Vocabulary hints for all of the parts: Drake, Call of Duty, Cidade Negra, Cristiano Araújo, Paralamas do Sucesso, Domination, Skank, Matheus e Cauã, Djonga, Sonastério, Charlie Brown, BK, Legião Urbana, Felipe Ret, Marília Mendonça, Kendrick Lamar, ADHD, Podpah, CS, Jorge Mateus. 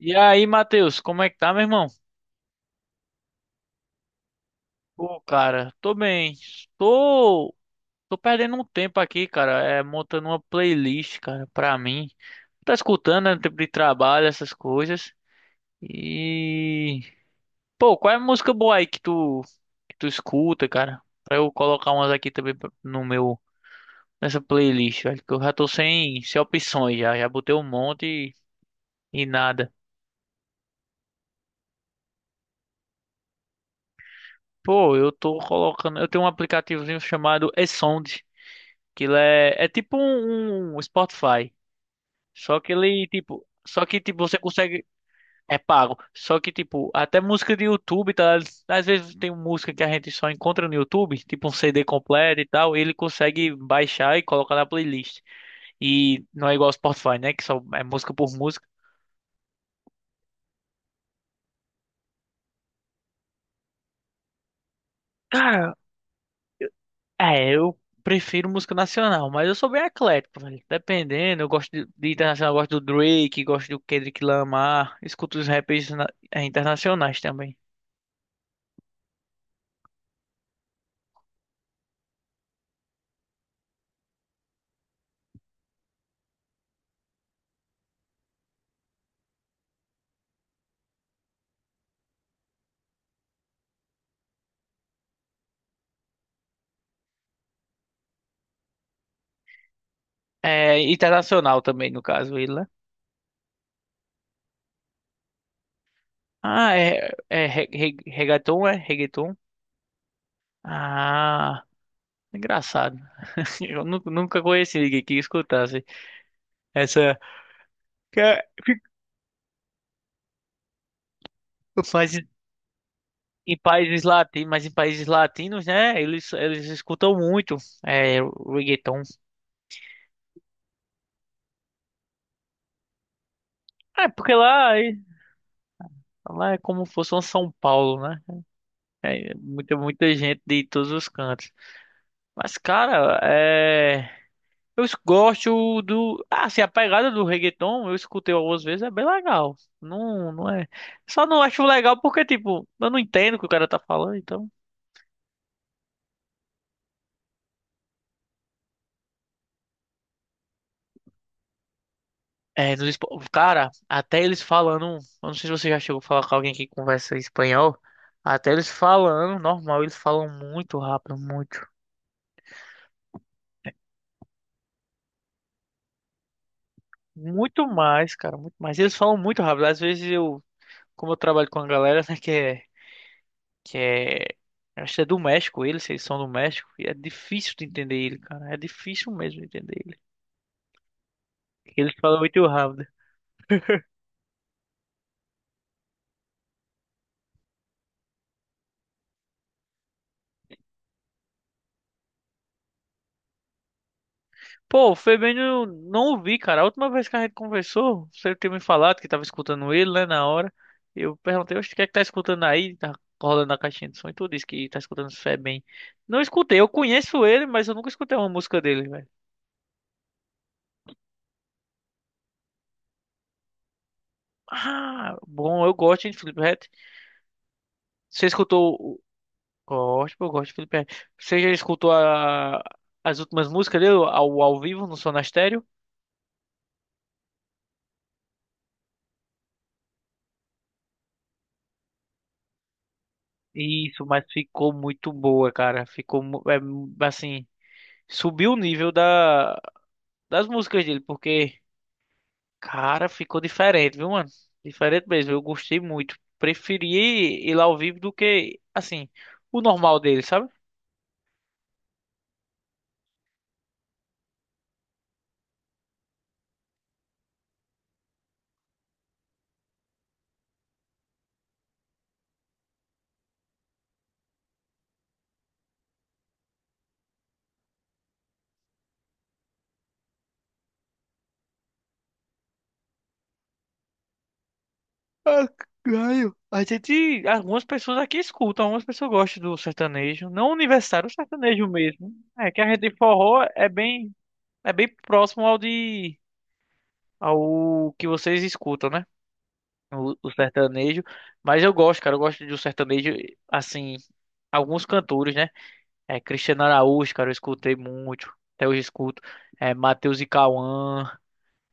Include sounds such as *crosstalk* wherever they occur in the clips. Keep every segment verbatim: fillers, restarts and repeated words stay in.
E aí, Matheus, como é que tá, meu irmão? Pô, cara, tô bem. Tô, tô perdendo um tempo aqui, cara, é, montando uma playlist, cara, pra mim. Tá escutando, né, no tempo de trabalho, essas coisas. E, Pô, qual é a música boa aí que tu, que tu escuta, cara? Pra eu colocar umas aqui também pra- no meu, nessa playlist, velho, que eu já tô sem, sem opções, já, já botei um monte e, e nada. Pô, eu tô colocando, eu tenho um aplicativozinho chamado e aquilo é, é tipo um, um Spotify. Só que ele, tipo. Só que, tipo, você consegue. É pago. Só que, tipo, até música de YouTube, tá? Às vezes tem música que a gente só encontra no YouTube, tipo um C D completo e tal. Ele consegue baixar e colocar na playlist. E não é igual ao Spotify, né? Que só é música por música. Cara, é, eu prefiro música nacional, mas eu sou bem eclético, velho. Dependendo, eu gosto de, de internacional, eu gosto do Drake, gosto do Kendrick Lamar, escuto os rappers na- eh, internacionais também. É, internacional também, no caso, ele, né? Ah, é, é, re- re- reggaeton, é? Reggaeton? Ah, engraçado. *laughs* Eu nu- nunca conheci ninguém que escutasse essa. que é- Mas em em países latinos, mas em países latinos, né? Eles, eles escutam muito, é, reggaeton. É, porque lá, é- Lá é como se fosse um São Paulo, né? É muita, muita gente de todos os cantos. Mas, cara, é. Eu es- gosto do. Ah, assim, a pegada do reggaeton, eu escutei algumas vezes, é bem legal. Não, não é. Só não acho legal porque, tipo, eu não entendo o que o cara tá falando, então. É, nos espa- cara, até eles falando, eu não sei se você já chegou a falar com alguém que conversa espanhol, até eles falando, normal, eles falam muito rápido, muito, muito mais, cara, muito mais. Eles falam muito rápido. Às vezes eu, como eu trabalho com a galera, né, que é, que é, eu acho que é do México, eles, eles são do México, e é difícil de entender ele, cara, é difícil mesmo de entender ele. Eles falam muito rápido. Pô, foi bem, eu não ouvi, cara. A última vez que a gente conversou, você tinha me falado que tava escutando ele, né, na hora. Eu perguntei, oxe, o que é que tá escutando aí? Tá rolando a caixinha de som e tu disse que tá escutando bem. Não escutei, eu conheço ele, mas eu nunca escutei uma música dele, velho. Ah, bom, eu gosto, hein, de Felipe Ret. Você escutou... o- Gosto, eu gosto de Felipe Ret. Você já escutou a... as últimas músicas dele ao, ao vivo no Sonastério? Isso, mas ficou muito boa, cara. Ficou, mu- é, assim... subiu o nível da, das músicas dele, porque, cara, ficou diferente, viu, mano? Diferente mesmo, eu gostei muito. Preferi ir lá ao vivo do que, assim, o normal dele, sabe? Ganho. A gente, algumas pessoas aqui escutam, algumas pessoas gostam do sertanejo, não universitário, o sertanejo mesmo. É que a rede de forró é bem, é bem próximo ao de, ao que vocês escutam, né? O, o sertanejo, mas eu gosto, cara, eu gosto de um sertanejo, assim, alguns cantores, né? É, Cristiano Araújo, cara, eu escutei muito. Até hoje eu escuto. É, Matheus e Cauã.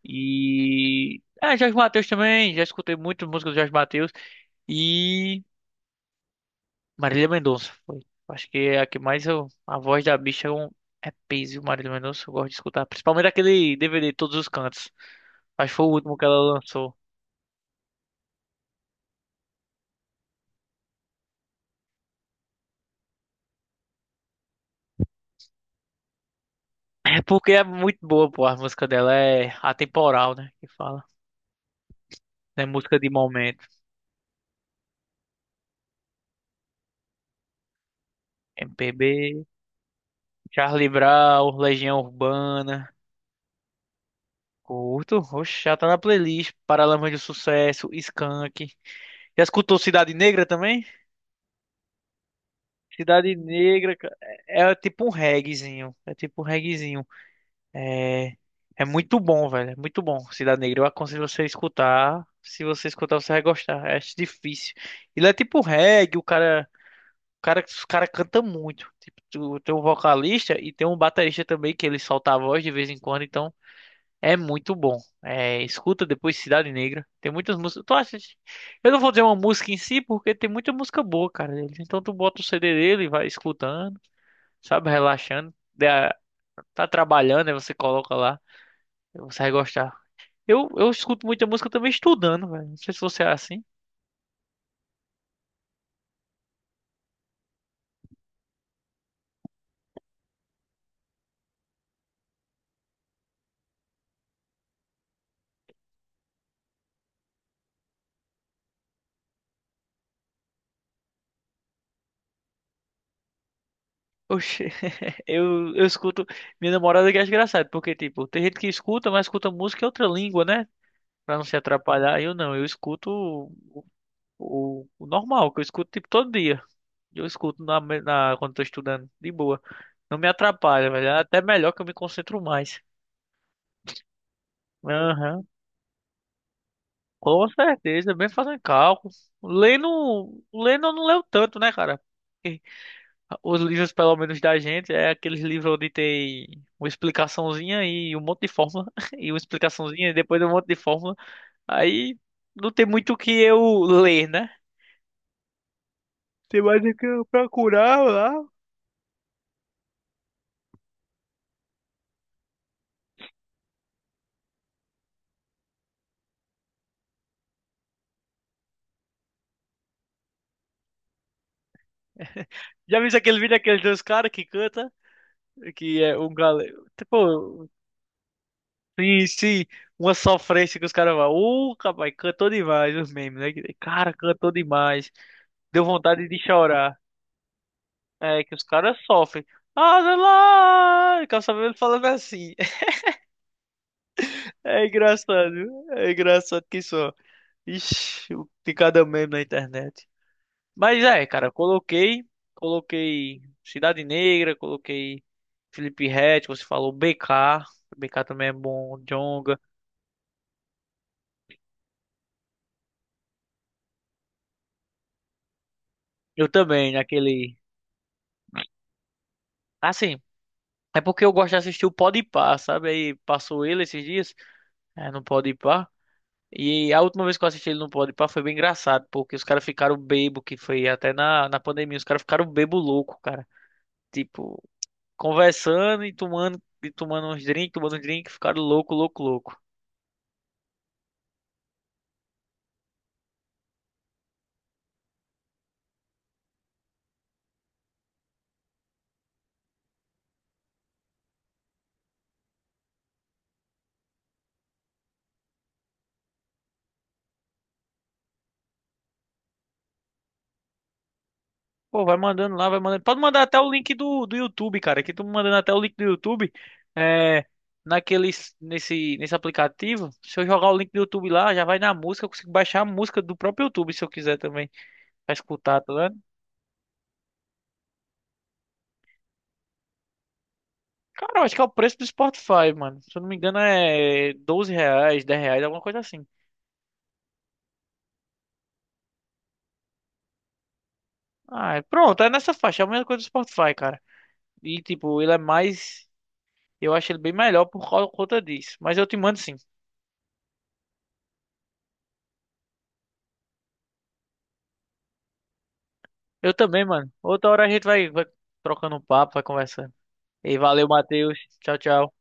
E. É, Jorge Mateus também. Já escutei muito música do Jorge Mateus. E. Marília Mendonça. Foi. Acho que é a que mais eu. A voz da bicha é, um... é peso, Marília Mendonça. Eu gosto de escutar. Principalmente aquele D V D, Todos os Cantos. Acho que foi o último que ela lançou. É porque é muito boa, pô. A música dela é atemporal, né? Que fala. É música de momento. M P B, Charlie Brown, Legião Urbana. Curto, oxe, já tá na playlist. Paralamas do Sucesso, Skank. Já escutou Cidade Negra também? Cidade Negra ca- é, é tipo um reggaezinho. É tipo um reggaezinho. É, é muito bom, velho. É muito bom. Cidade Negra, eu aconselho você a escutar. Se você escutar, você vai gostar. É difícil. Ele é tipo reggae, o cara, o cara, os cara canta muito. Tipo, tu- tem um vocalista e tem um baterista também que ele solta a voz de vez em quando, então. É muito bom. É, escuta depois Cidade Negra. Tem muitas músicas. Tu acha? Eu não vou dizer uma música em si, porque tem muita música boa, cara, dele. Então tu bota o C D dele e vai escutando, sabe? Relaxando. Da- Tá trabalhando, aí você coloca lá. Você vai gostar. Eu, eu escuto muita música também estudando, velho. Não sei se você é assim. Oxê. *laughs* Eu, eu escuto. Minha namorada que é engraçado, porque, tipo, tem gente que escuta, mas escuta música em outra língua, né? Pra não se atrapalhar. Eu não, eu escuto o, o o normal, que eu escuto, tipo, todo dia. Eu escuto na, me- na, quando tô estudando, de boa. Não me atrapalha, velho. É até melhor que eu me concentro mais. Aham, com certeza. Bem fazendo cálculo. Lendo, lendo eu não leio tanto, né, cara? Porque os livros, pelo menos da gente, é aqueles livros onde tem uma explicaçãozinha e um monte de fórmula. *laughs* E uma explicaçãozinha e depois um monte de fórmula. Aí não tem muito o que eu ler, né? Tem mais o que eu procurar lá. Já viu aquele vídeo daqueles dois caras que canta? Que é um galego. Tipo, sim, sim. Uma sofrência que os caras vão. Uh, rapaz, cantou demais os memes, né? Cara, cantou demais. Deu vontade de chorar. É que os caras sofrem. Ah, lá! Calça falando assim. *laughs* É engraçado. É engraçado que só. Ixi, o- de cada meme na internet. Mas é, cara, coloquei. Coloquei Cidade Negra, coloquei Felipe Ret, você falou B K. B K também é bom, Djonga. Eu também, naquele. Assim. É porque eu gosto de assistir o Podpah, sabe? Aí passou ele esses dias, é, no Podpah. E a última vez que eu assisti ele no Podpah foi bem engraçado, porque os caras ficaram bebo, que foi até na, na pandemia, os caras ficaram bebo louco, cara. Tipo, conversando e tomando, e tomando uns drinks, tomando uns drinks, ficaram louco, louco, louco. Pô, vai mandando lá, vai mandando. Pode mandar até o link do, do YouTube, cara. Aqui tu mandando até o link do YouTube. É, naqueles, nesse, nesse aplicativo. Se eu jogar o link do YouTube lá, já vai na música. Eu consigo baixar a música do próprio YouTube se eu quiser também. Pra escutar, tá vendo? Cara, eu acho que é o preço do Spotify, mano. Se eu não me engano, é doze reais, dez reais, alguma coisa assim. Ah, é- pronto, é nessa faixa. É a mesma coisa do Spotify, cara. E, tipo, ele é mais. Eu acho ele bem melhor por causa- conta disso. Mas eu te mando sim. Eu também, mano. Outra hora a gente vai, vai trocando um papo, vai conversando. E valeu, Matheus. Tchau, tchau.